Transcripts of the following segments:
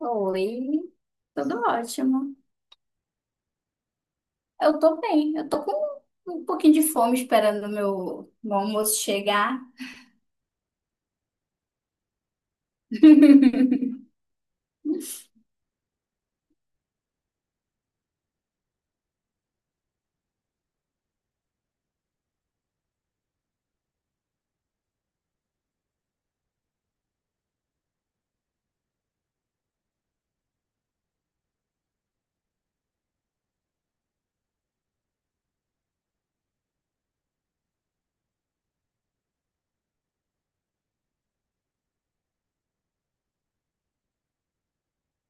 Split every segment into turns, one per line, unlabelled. Oi, tudo ótimo. Eu tô bem, eu tô com um pouquinho de fome esperando o meu, almoço chegar.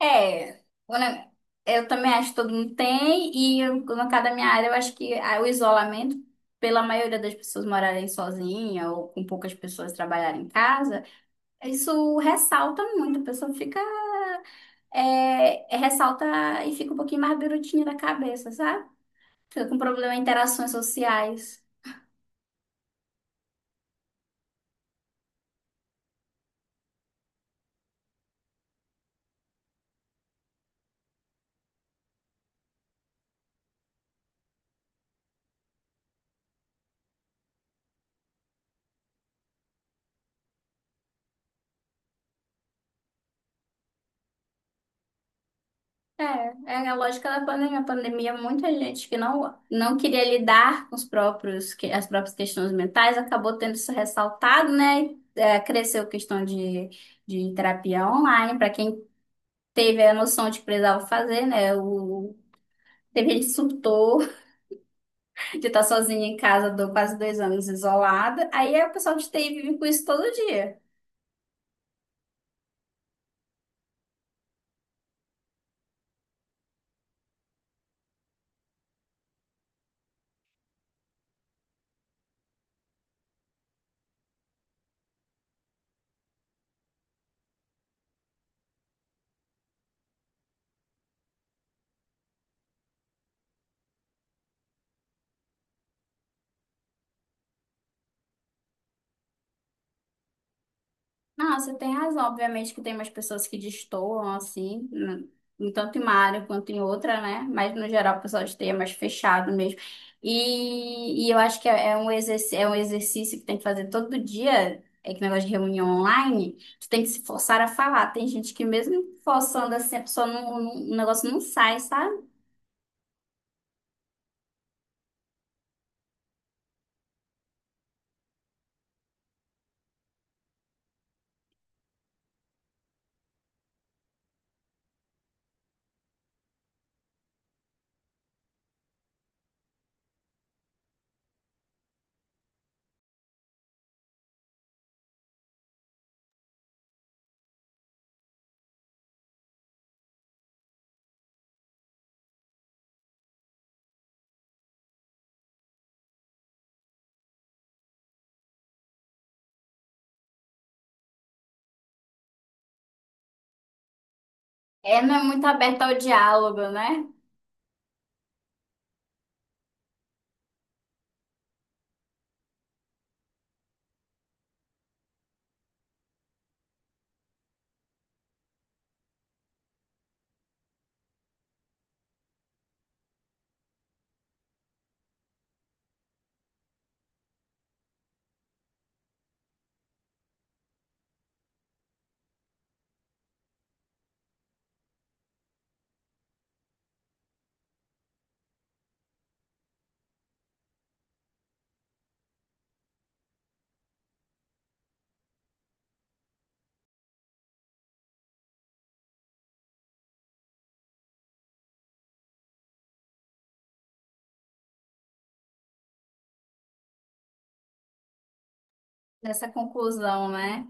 É, né, eu também acho que todo mundo tem, e eu, no caso da minha área, eu acho que o isolamento, pela maioria das pessoas morarem sozinha ou com poucas pessoas trabalharem em casa, isso ressalta muito, a pessoa fica, ressalta e fica um pouquinho mais birutinha da cabeça, sabe? Fica com problema em interações sociais. É, é a lógica da pandemia. A pandemia, muita gente que não queria lidar com as próprias questões mentais acabou tendo isso ressaltado, né? É, cresceu a questão de terapia online, para quem teve a noção de que precisava fazer, né? Teve gente que surtou de estar sozinha em casa quase dois anos isolada. Aí é o pessoal de TI vive com isso todo dia. Não, você tem razão. Obviamente que tem umas pessoas que destoam, assim, em tanto em uma área quanto em outra, né? Mas, no geral, o pessoal esteja mais fechado mesmo. E eu acho que é um exercício, é um exercício que tem que fazer todo dia, é que negócio de reunião online, tu tem que se forçar a falar. Tem gente que mesmo forçando assim, a pessoa o negócio não sai, sabe? É, não é muito aberta ao diálogo, né? Nessa conclusão, né?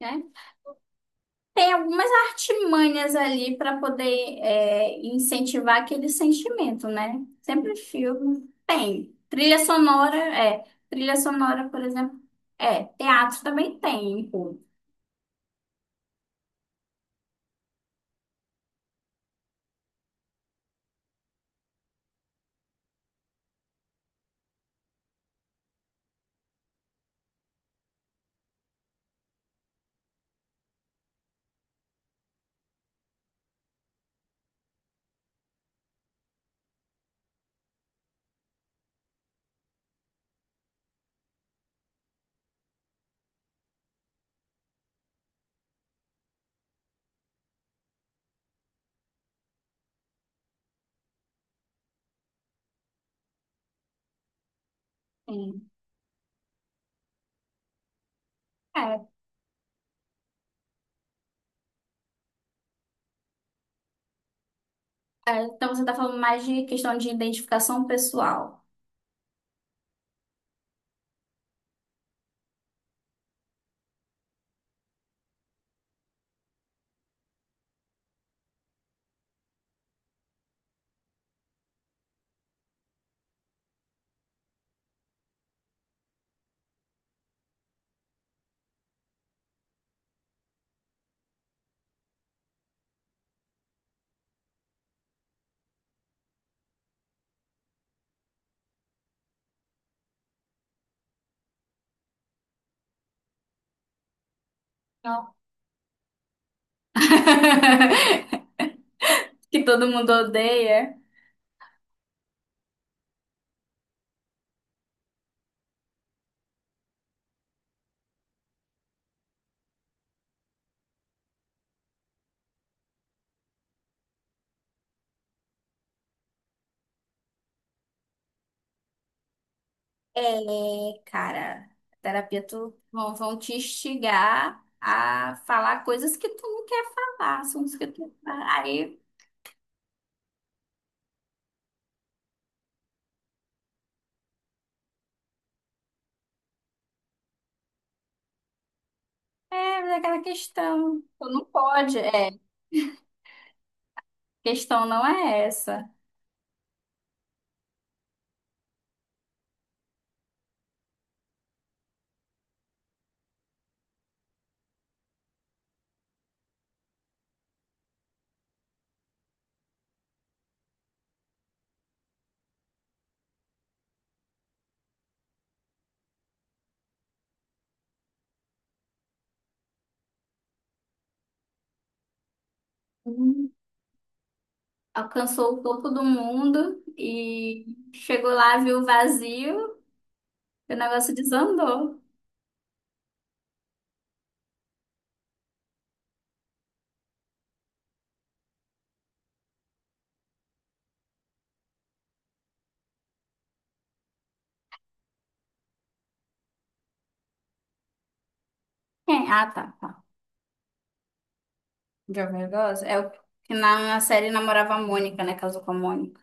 É. Tem algumas artimanhas ali para poder incentivar aquele sentimento, né? Sempre filme tem. Trilha sonora, é. Trilha sonora, por exemplo, é. Teatro também tem, pô. Tem. É. É, então você tá falando mais de questão de identificação pessoal. Não. Que todo mundo odeia. É, cara, terapia tu vão te instigar a falar coisas que tu não quer falar, assuntos que tu aí é aquela questão, tu não pode, questão não é essa. Hum. Alcançou o topo do mundo e chegou lá, viu o vazio, e o negócio desandou. É, ah, tá, tá. de viu É o que na série namorava a Mônica, né? Casou com a Mônica.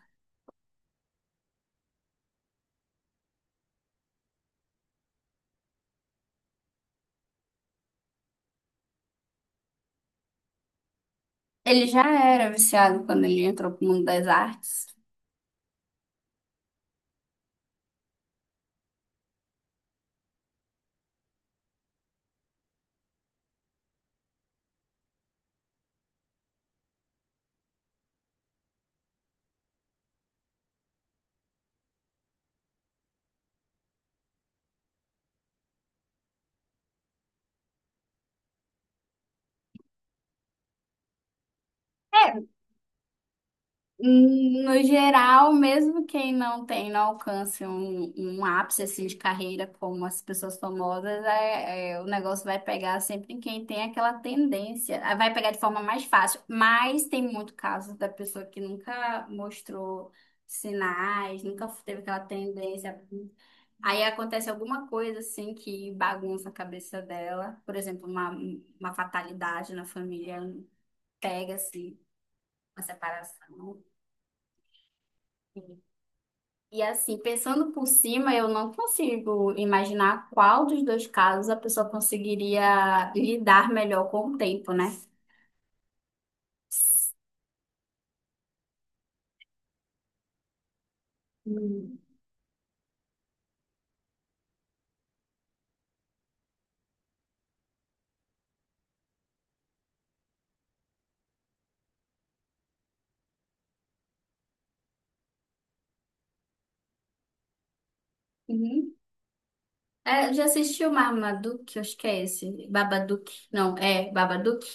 Ele já era viciado quando ele entrou pro mundo das artes. É, no geral, mesmo quem não tem, não alcance um ápice assim, de carreira como as pessoas famosas, o negócio vai pegar sempre em quem tem aquela tendência. Ah, vai pegar de forma mais fácil, mas tem muito caso da pessoa que nunca mostrou sinais, nunca teve aquela tendência. Aí acontece alguma coisa assim que bagunça a cabeça dela, por exemplo, uma fatalidade na família, pega assim, uma separação. E assim, pensando por cima, eu não consigo imaginar qual dos dois casos a pessoa conseguiria lidar melhor com o tempo, né? Hum. Uhum. É, já assistiu Marmaduke? Acho que é esse. Babadook. Não, é Babadook.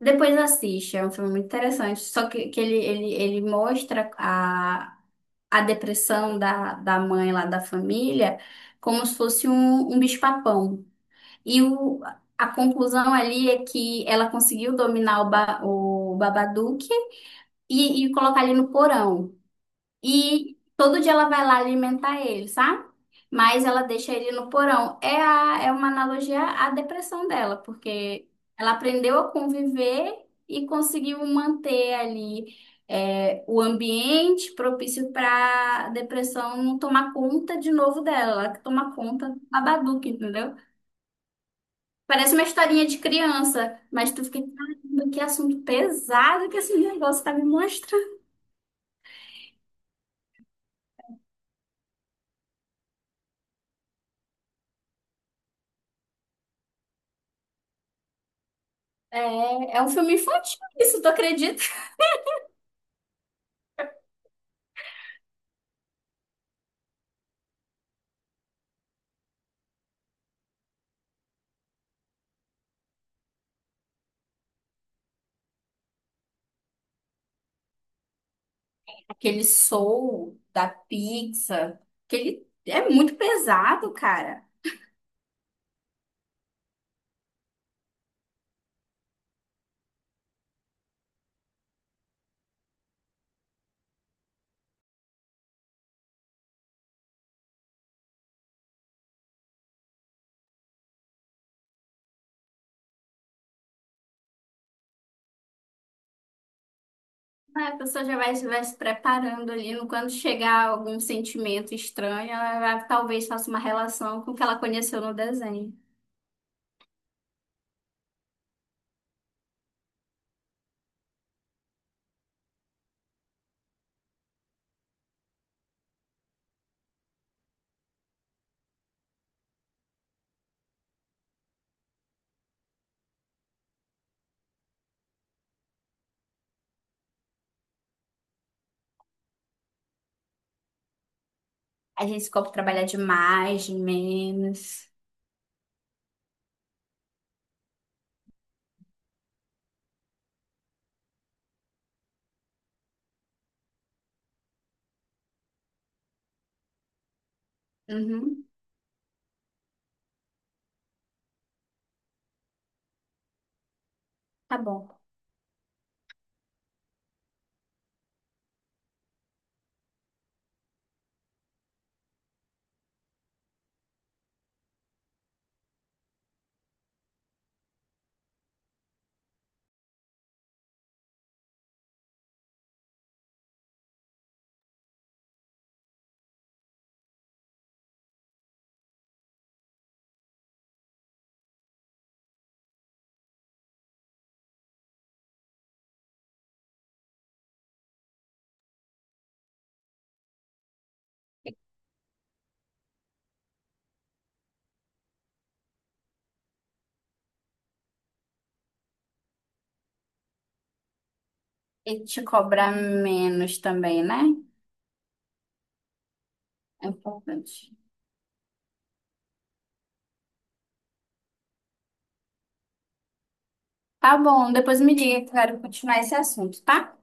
Depois assiste, é um filme muito interessante. Só que ele mostra a depressão da mãe lá da família como se fosse um bicho-papão. E o, a conclusão ali é que ela conseguiu dominar o Babadook e colocar ele no porão. E todo dia ela vai lá alimentar ele, sabe? Mas ela deixa ele no porão. É, é uma analogia à depressão dela, porque ela aprendeu a conviver e conseguiu manter ali o ambiente propício para a depressão não tomar conta de novo dela, ela que toma conta do Babadook, entendeu? Parece uma historinha de criança, mas tu fica, caramba, que assunto pesado que esse negócio tá me mostrando. É, é um filme infantil, isso, tu acredita? Aquele Soul da Pixar, que ele é muito pesado, cara. Ah, a pessoa já vai, se preparando ali, quando chegar algum sentimento estranho, talvez faça uma relação com o que ela conheceu no desenho. A gente ficou pra trabalhar de mais, de menos. Uhum, tá bom. E te cobrar menos também, né? É importante. Tá bom, depois me diga que eu quero continuar esse assunto, tá?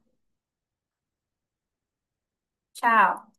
Tchau.